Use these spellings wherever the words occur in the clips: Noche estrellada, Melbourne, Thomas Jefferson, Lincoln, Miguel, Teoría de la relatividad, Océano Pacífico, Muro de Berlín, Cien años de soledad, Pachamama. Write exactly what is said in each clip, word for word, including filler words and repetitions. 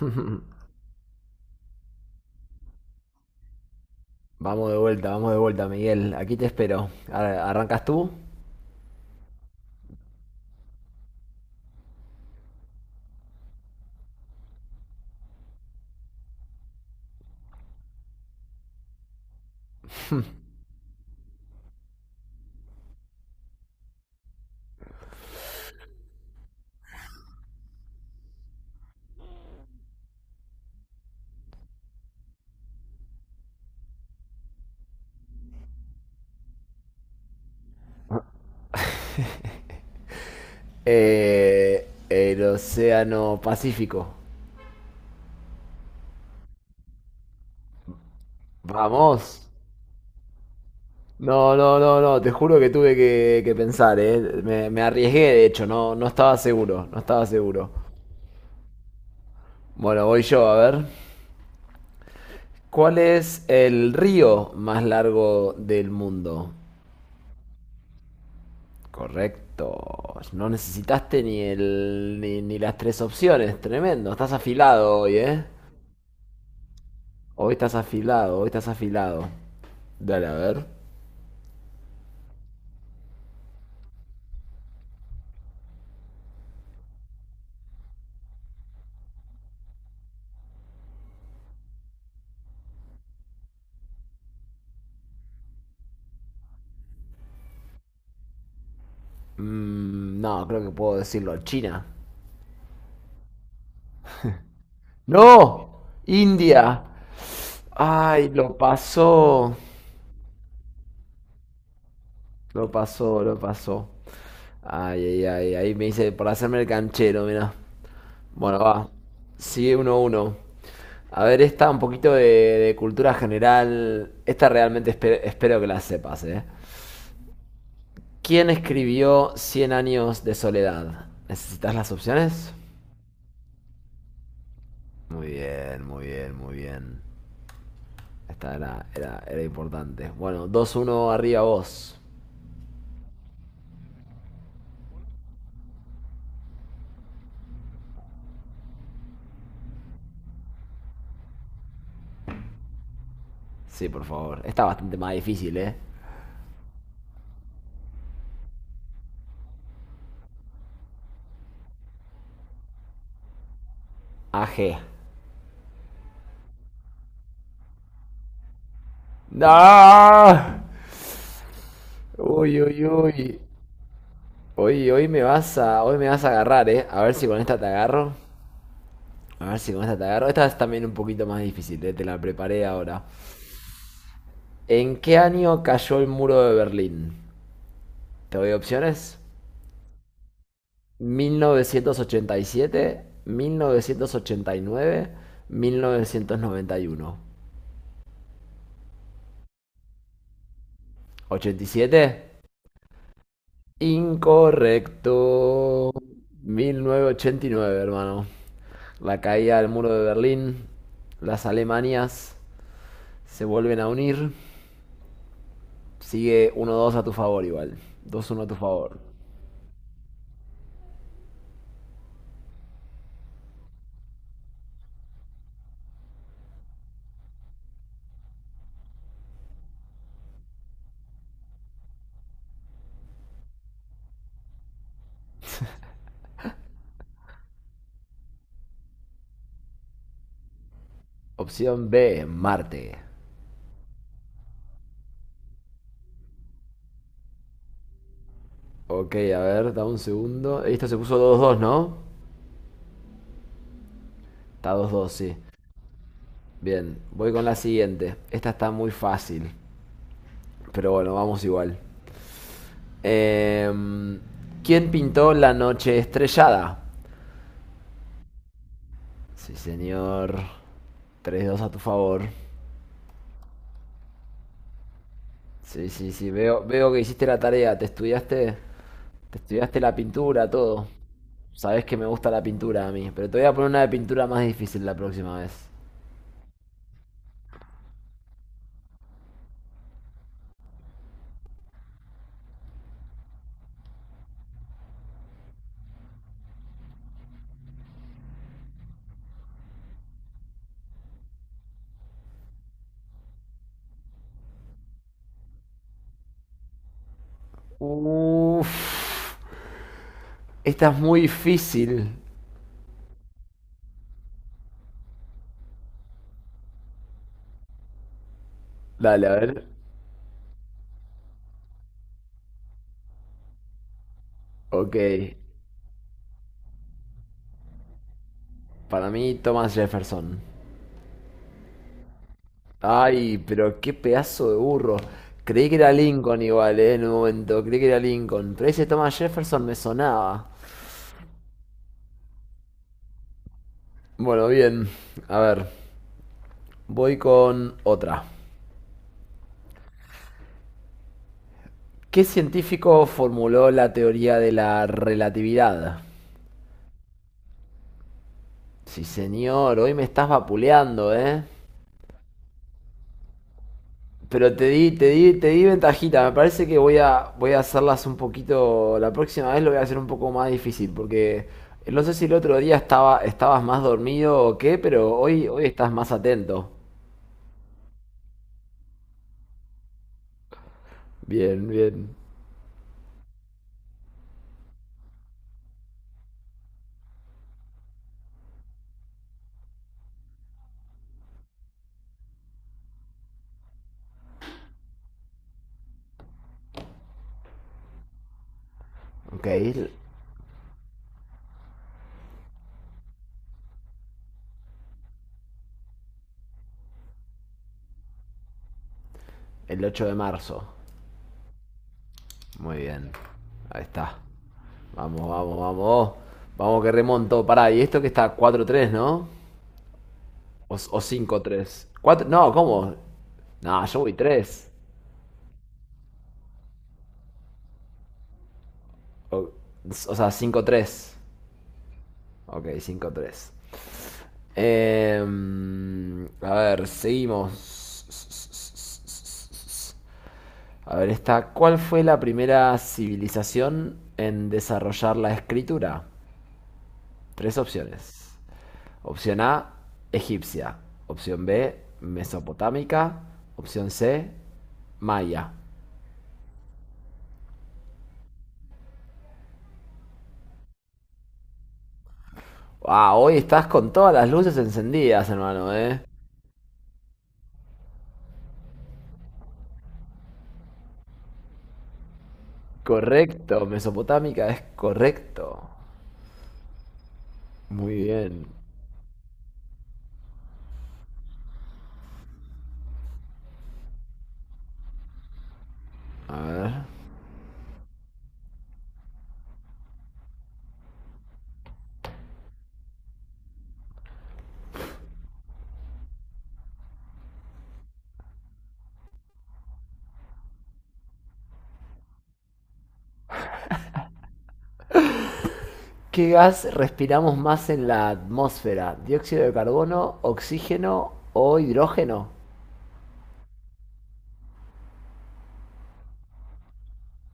Vamos de vuelta, vamos de vuelta, Miguel. Aquí te espero. Ar- ¿Arrancas tú? Eh, el Océano Pacífico. Vamos. No, no, no, no. Te juro que tuve que, que pensar, ¿eh? Me, me arriesgué, de hecho. No, no estaba seguro. No estaba seguro. Bueno, voy yo, a ver. ¿Cuál es el río más largo del mundo? Correcto. No necesitaste ni el, ni, ni las tres opciones. Tremendo. Estás afilado hoy, ¿eh? Hoy estás afilado, hoy estás afilado. Dale, a ver. Mm, no, creo que puedo decirlo. China. ¡No! India. Ay, lo pasó. Lo pasó, lo pasó. Ay, ay, ay. Ahí me dice, por hacerme el canchero, mira. Bueno, va. Sigue 1 uno. A ver, esta un poquito de, de cultura general. Esta realmente espe- espero que la sepas, ¿eh? ¿Quién escribió Cien años de soledad? ¿Necesitas las opciones? Muy bien, muy bien, muy bien. Esta era, era, era importante. Bueno, dos uno arriba vos. Sí, por favor. Está bastante más difícil, ¿eh? A G. ¡No! Uy, uy, uy. Hoy, hoy me vas a, hoy me vas a agarrar, ¿eh? A ver si con esta te agarro. A ver si con esta te agarro. Esta es también un poquito más difícil, ¿eh? Te la preparé ahora. ¿En qué año cayó el muro de Berlín? ¿Te doy opciones? mil novecientos ochenta y siete, mil novecientos ochenta y nueve, mil novecientos noventa y uno. ochenta y siete. Incorrecto. mil novecientos ochenta y nueve, hermano. La caída del muro de Berlín. Las Alemanias se vuelven a unir. Sigue uno dos a tu favor igual. dos uno a tu favor. Opción B, Marte. Ok, a ver, da un segundo. Esto se puso dos dos, ¿no? Está dos dos, sí. Bien, voy con la siguiente. Esta está muy fácil, pero bueno, vamos igual. Em, ¿Quién pintó la noche estrellada? Sí, señor. tres dos a tu favor. Sí, sí, sí, veo, veo que hiciste la tarea, te estudiaste, te estudiaste la pintura, todo. Sabes que me gusta la pintura a mí, pero te voy a poner una de pintura más difícil la próxima vez. Uff, esta es muy difícil. Dale, a ver. Ok. Para mí, Thomas Jefferson. Ay, pero qué pedazo de burro. Creí que era Lincoln igual, eh, en un momento. Creí que era Lincoln. Pero ese Thomas Jefferson me sonaba. Bueno, bien. A ver, voy con otra. ¿Qué científico formuló la teoría de la relatividad? Sí, señor, hoy me estás vapuleando, ¿eh? Pero te di, te di, te di ventajita. Me parece que voy a, voy a hacerlas un poquito. La próxima vez lo voy a hacer un poco más difícil. Porque eh, no sé si el otro día estaba, estabas más dormido o qué, pero hoy, hoy estás más atento. Bien, bien. Ok, el ocho de marzo. Muy bien. Ahí está. Vamos, vamos, vamos. Vamos que remonto. Pará, y esto que está cuatro tres, ¿no? O, o cinco tres. Cuatro- No, ¿cómo? No, yo voy tres. O, o sea, cinco tres. Ok, cinco tres. Em, a ver, seguimos. A ver, esta. ¿Cuál fue la primera civilización en desarrollar la escritura? Tres opciones. Opción A, egipcia. Opción B, mesopotámica. Opción C, maya. Ah, hoy estás con todas las luces encendidas, hermano, ¿eh? Correcto, mesopotámica es correcto. Muy bien. A ver. ¿Qué gas respiramos más en la atmósfera? ¿Dióxido de carbono, oxígeno o hidrógeno?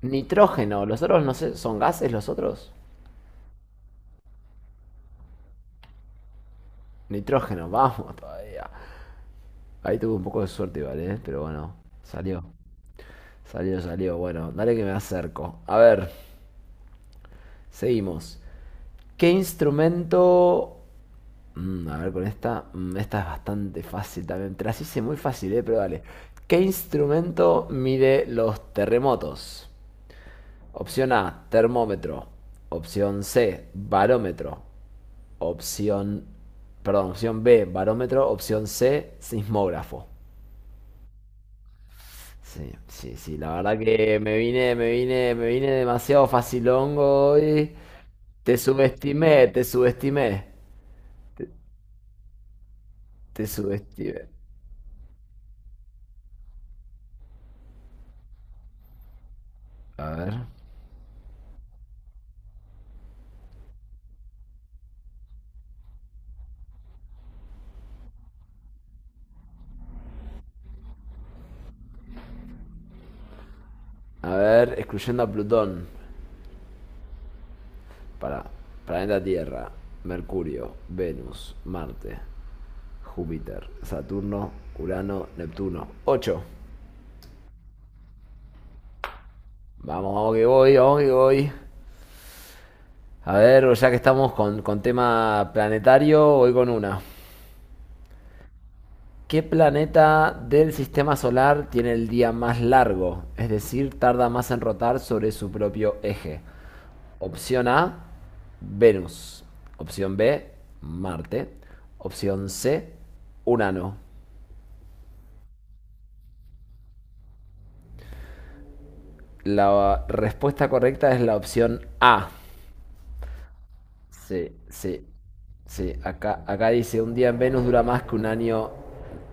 Nitrógeno. Los otros no sé, ¿son gases los otros? Nitrógeno, vamos todavía. Ahí tuve un poco de suerte vale, ¿eh? Pero bueno, salió. Salió, salió. Bueno, dale que me acerco. A ver, seguimos. ¿Qué instrumento... Mm, a ver con esta. Mm, esta es bastante fácil también. Te las hice muy fácil, ¿eh? Pero dale. ¿Qué instrumento mide los terremotos? Opción A, termómetro. Opción C, barómetro. Opción, perdón, opción B, barómetro. Opción C, sismógrafo. Sí, sí, sí, la verdad que me vine, me vine, me vine demasiado facilongo hoy. Te subestimé, te subestimé. Te, te subestimé. A ver. A ver, excluyendo a Plutón. Para planeta Tierra, Mercurio, Venus, Marte, Júpiter, Saturno, Urano, Neptuno. Ocho. Vamos, vamos que voy, vamos que voy. A ver, ya que estamos con, con tema planetario, voy con una. ¿Qué planeta del sistema solar tiene el día más largo? Es decir, tarda más en rotar sobre su propio eje. Opción A, Venus. Opción B, Marte. Opción C, Urano. La respuesta correcta es la opción A. Sí, Sí, sí. Acá, acá dice, un día en Venus dura más que un año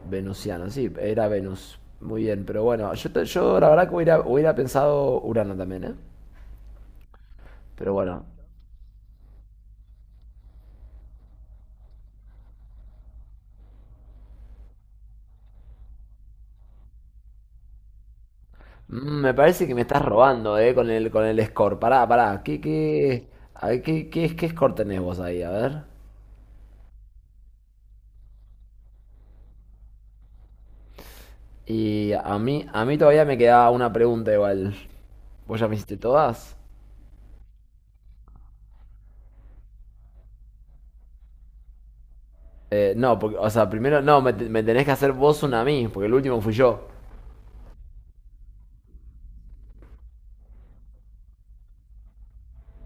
venusiano. Sí, era Venus. Muy bien, pero bueno, yo, te- yo la verdad que hubiera, hubiera pensado Urano también, ¿eh? Pero bueno. Mm, me parece que me estás robando, ¿eh? Con el, con el score. Pará, pará. ¿Qué, qué, a ver, qué, qué, qué score tenés vos ahí? A ver. Y a mí, a mí todavía me quedaba una pregunta igual. ¿Vos ya me hiciste todas? Eh, no, porque, o sea, primero, no, me, te- me tenés que hacer vos una a mí, porque el último fui yo.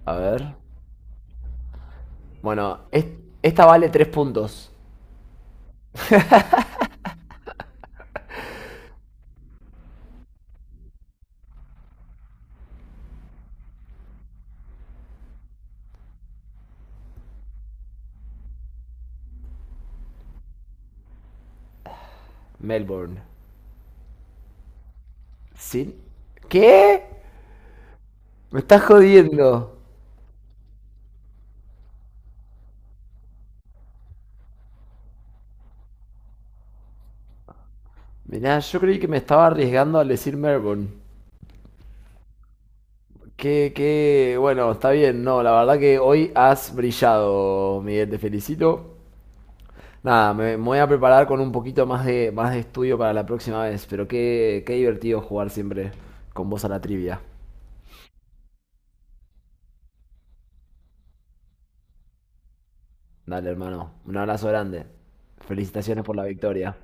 A ver. Bueno, es- esta vale tres puntos. Melbourne. ¿Sí? ¿Qué? Me estás jodiendo. Mirá, yo creí que me estaba arriesgando al decir Melbourne. Que, que, bueno, está bien, no, la verdad que hoy has brillado, Miguel, te felicito. Nada, me, me voy a preparar con un poquito más de, más de estudio para la próxima vez, pero qué, qué divertido jugar siempre con vos a la trivia. Dale, hermano. Un abrazo grande. Felicitaciones por la victoria.